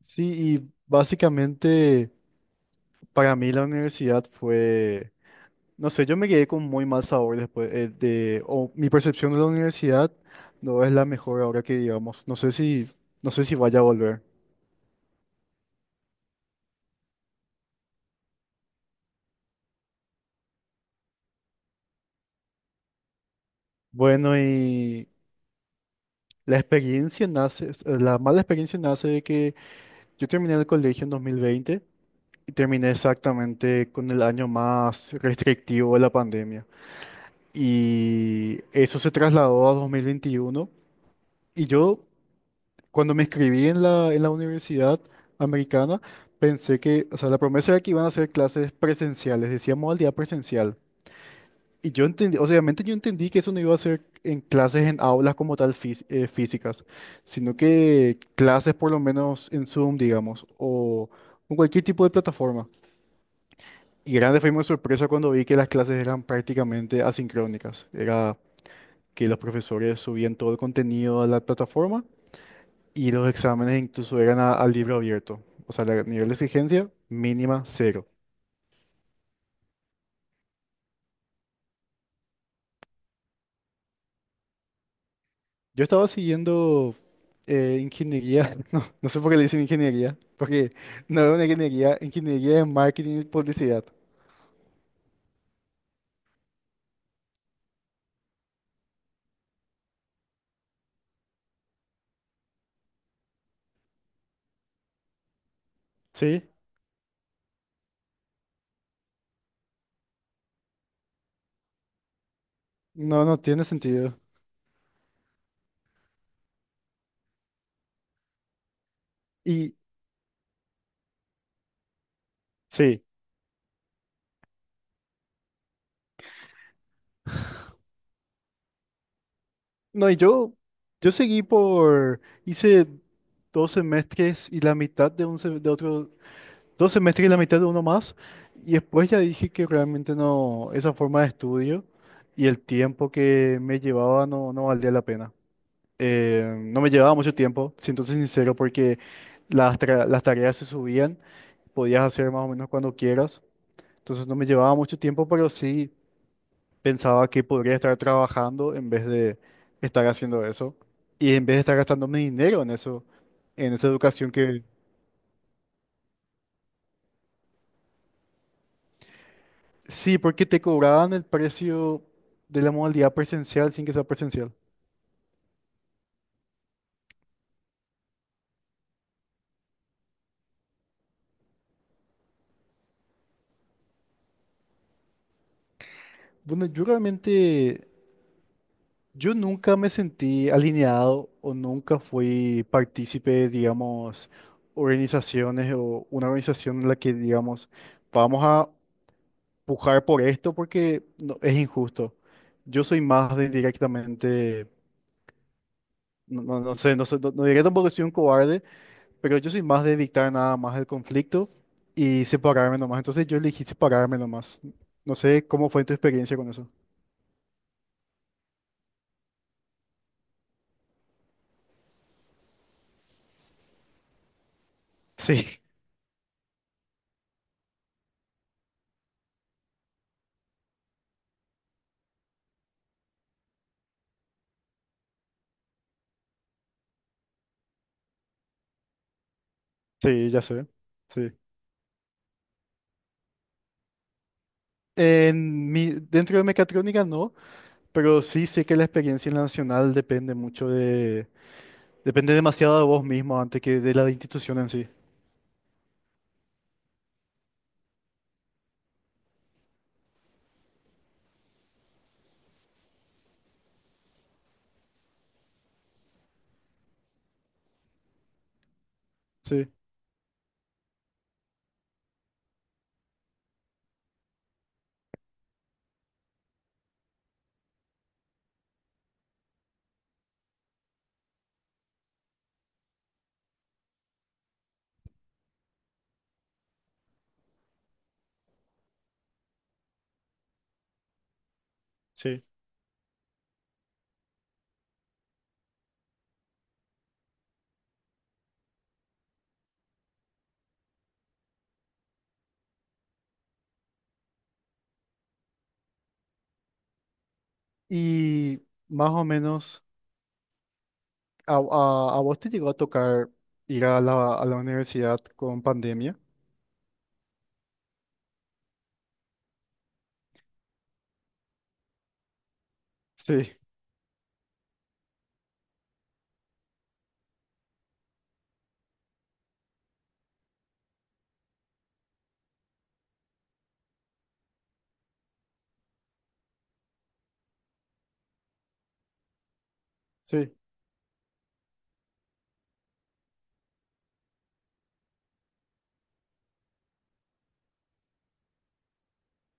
Sí, y básicamente para mí la universidad fue, no sé, yo me quedé con muy mal sabor después de, o mi percepción de la universidad no es la mejor ahora que digamos, no sé si, no sé si vaya a volver. Bueno, y la mala experiencia nace de que yo terminé el colegio en 2020 y terminé exactamente con el año más restrictivo de la pandemia. Y eso se trasladó a 2021 y yo... Cuando me inscribí en la universidad americana, pensé que, o sea, la promesa era que iban a ser clases presenciales, decía modalidad presencial. Y yo entendí, o sea, obviamente yo entendí que eso no iba a ser en clases en aulas como tal físicas, sino que clases por lo menos en Zoom, digamos, o en cualquier tipo de plataforma. Y grande fue mi sorpresa cuando vi que las clases eran prácticamente asincrónicas. Era que los profesores subían todo el contenido a la plataforma. Y los exámenes incluso eran al libro abierto. O sea, el nivel de exigencia mínima cero. Yo estaba siguiendo ingeniería, no, no sé por qué le dicen ingeniería, porque no es una ingeniería, ingeniería de marketing y publicidad. ¿Sí? No, no tiene sentido. Y sí, no, yo seguí por, hice dos semestres y la mitad de, de otro dos semestres y la mitad de uno más. Y después ya dije que realmente no, esa forma de estudio y el tiempo que me llevaba no, no valía la pena. No me llevaba mucho tiempo, siéndote sincero, porque las tareas se subían, podías hacer más o menos cuando quieras. Entonces no me llevaba mucho tiempo, pero sí pensaba que podría estar trabajando en vez de estar haciendo eso. Y en vez de estar gastando mi dinero en eso, en esa educación que, sí, porque te cobraban el precio de la modalidad presencial sin que sea presencial. Bueno, yo realmente, yo nunca me sentí alineado o nunca fui partícipe de, digamos, organizaciones o una organización en la que, digamos, vamos a pujar por esto porque es injusto. Yo soy más de directamente, no, no sé, no diría tampoco que soy un cobarde, pero yo soy más de evitar nada más el conflicto y separarme nomás. Entonces yo elegí separarme nomás. No sé cómo fue tu experiencia con eso. Sí, sí, ya sé. Sí. En mi, dentro de mecatrónica no, pero sí sé que la experiencia en la nacional depende mucho de... Depende demasiado de vos mismo antes que de la institución en sí. Sí, sí. Y más o menos, a vos te llegó a tocar ir a la universidad con pandemia? Sí, sí.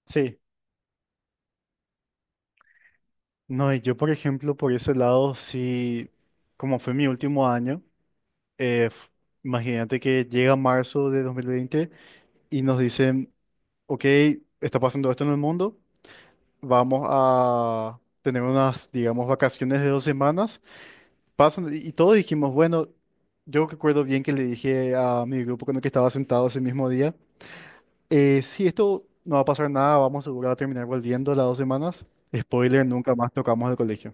Sí, no, y yo por ejemplo, por ese lado, sí, como fue mi último año, eh, f- imagínate que llega marzo de 2020 y nos dicen, ok, está pasando esto en el mundo, vamos a tener unas, digamos, vacaciones de dos semanas. Pasan, y todos dijimos, bueno, yo recuerdo bien que le dije a mi grupo con el que estaba sentado ese mismo día, si esto no va a pasar nada, vamos seguro a terminar volviendo las dos semanas. Spoiler, nunca más tocamos el colegio.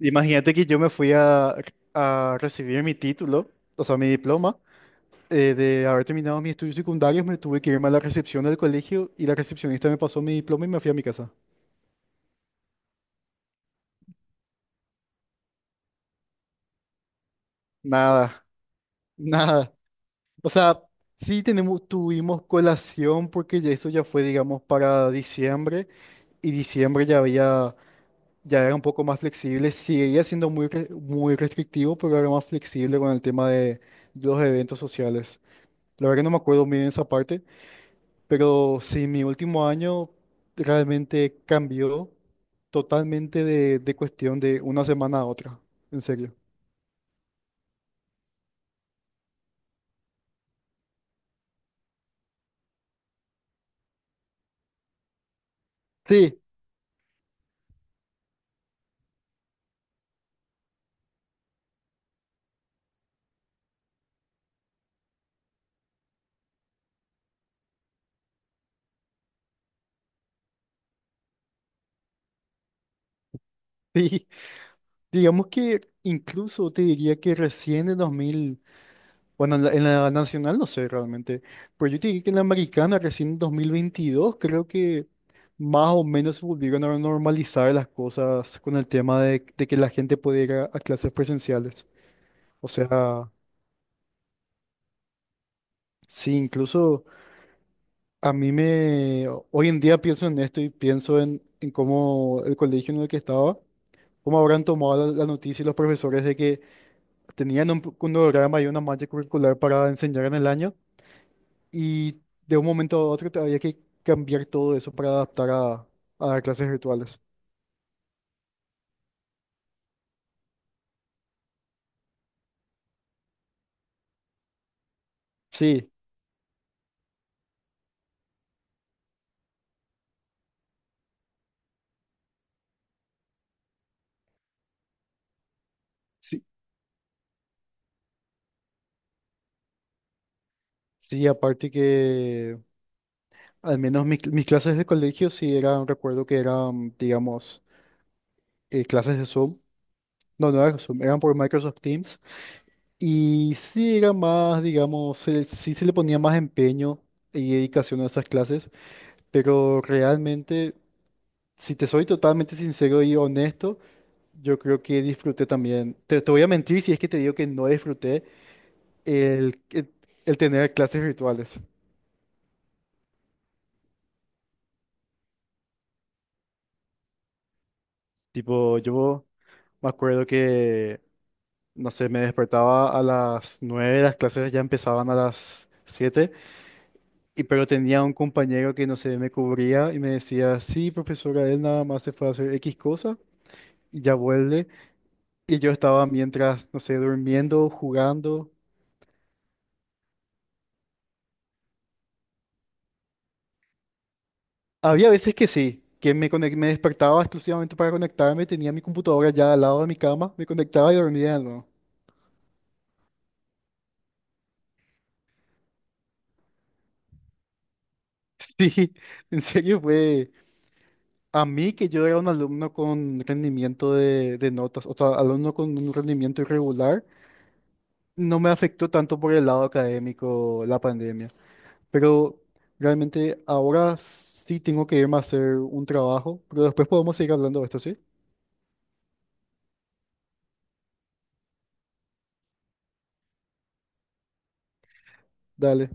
Imagínate que yo me fui a recibir mi título, o sea, mi diploma, de haber terminado mis estudios secundarios, me tuve que irme a la recepción del colegio y la recepcionista me pasó mi diploma y me fui a mi casa. Nada, nada. O sea, sí tenemos, tuvimos colación porque ya eso ya fue, digamos, para diciembre y diciembre ya había, ya era un poco más flexible, seguía siendo muy restrictivo, pero era más flexible con el tema de los eventos sociales. La verdad que no me acuerdo muy bien esa parte, pero sí, mi último año realmente cambió totalmente de cuestión de una semana a otra, en serio. Sí, sí, digamos que incluso te diría que recién en 2000, bueno, en la nacional no sé realmente, pero yo te diría que en la americana recién en 2022 creo que más o menos se volvieron a normalizar las cosas con el tema de que la gente pudiera ir a clases presenciales. O sea, sí, incluso... A mí me, hoy en día pienso en esto y pienso en cómo el colegio en el que estaba, cómo habrán tomado la, la noticia y los profesores de que tenían un cronograma y una malla curricular para enseñar en el año y de un momento a otro había que cambiar todo eso para adaptar a dar clases virtuales. Sí, sí, sí, aparte que al menos mis, mis clases de colegio sí eran, recuerdo que eran, digamos, clases de Zoom, no, no eran Zoom, eran por Microsoft Teams. Y sí era más, digamos, se sí se le ponía más empeño y dedicación a esas clases, pero realmente, si te soy totalmente sincero y honesto, yo creo que disfruté también. Te voy a mentir si es que te digo que no disfruté el, el, el tener clases virtuales. Tipo, yo me acuerdo que, no sé, me despertaba a las 9, las clases ya empezaban a las 7. Y pero tenía un compañero que no sé, me cubría y me decía, sí, profesora, él nada más se fue a hacer X cosa y ya vuelve. Y yo estaba mientras, no sé, durmiendo, jugando. Había veces que sí, que me, me despertaba exclusivamente para conectarme, tenía mi computadora ya al lado de mi cama, me conectaba y dormía, ¿no? Sí, en serio fue a mí que yo era un alumno con rendimiento de notas, o sea, alumno con un rendimiento irregular, no me afectó tanto por el lado académico la pandemia. Pero realmente ahora sí tengo que irme a hacer un trabajo, pero después podemos seguir hablando de esto, ¿sí? Dale.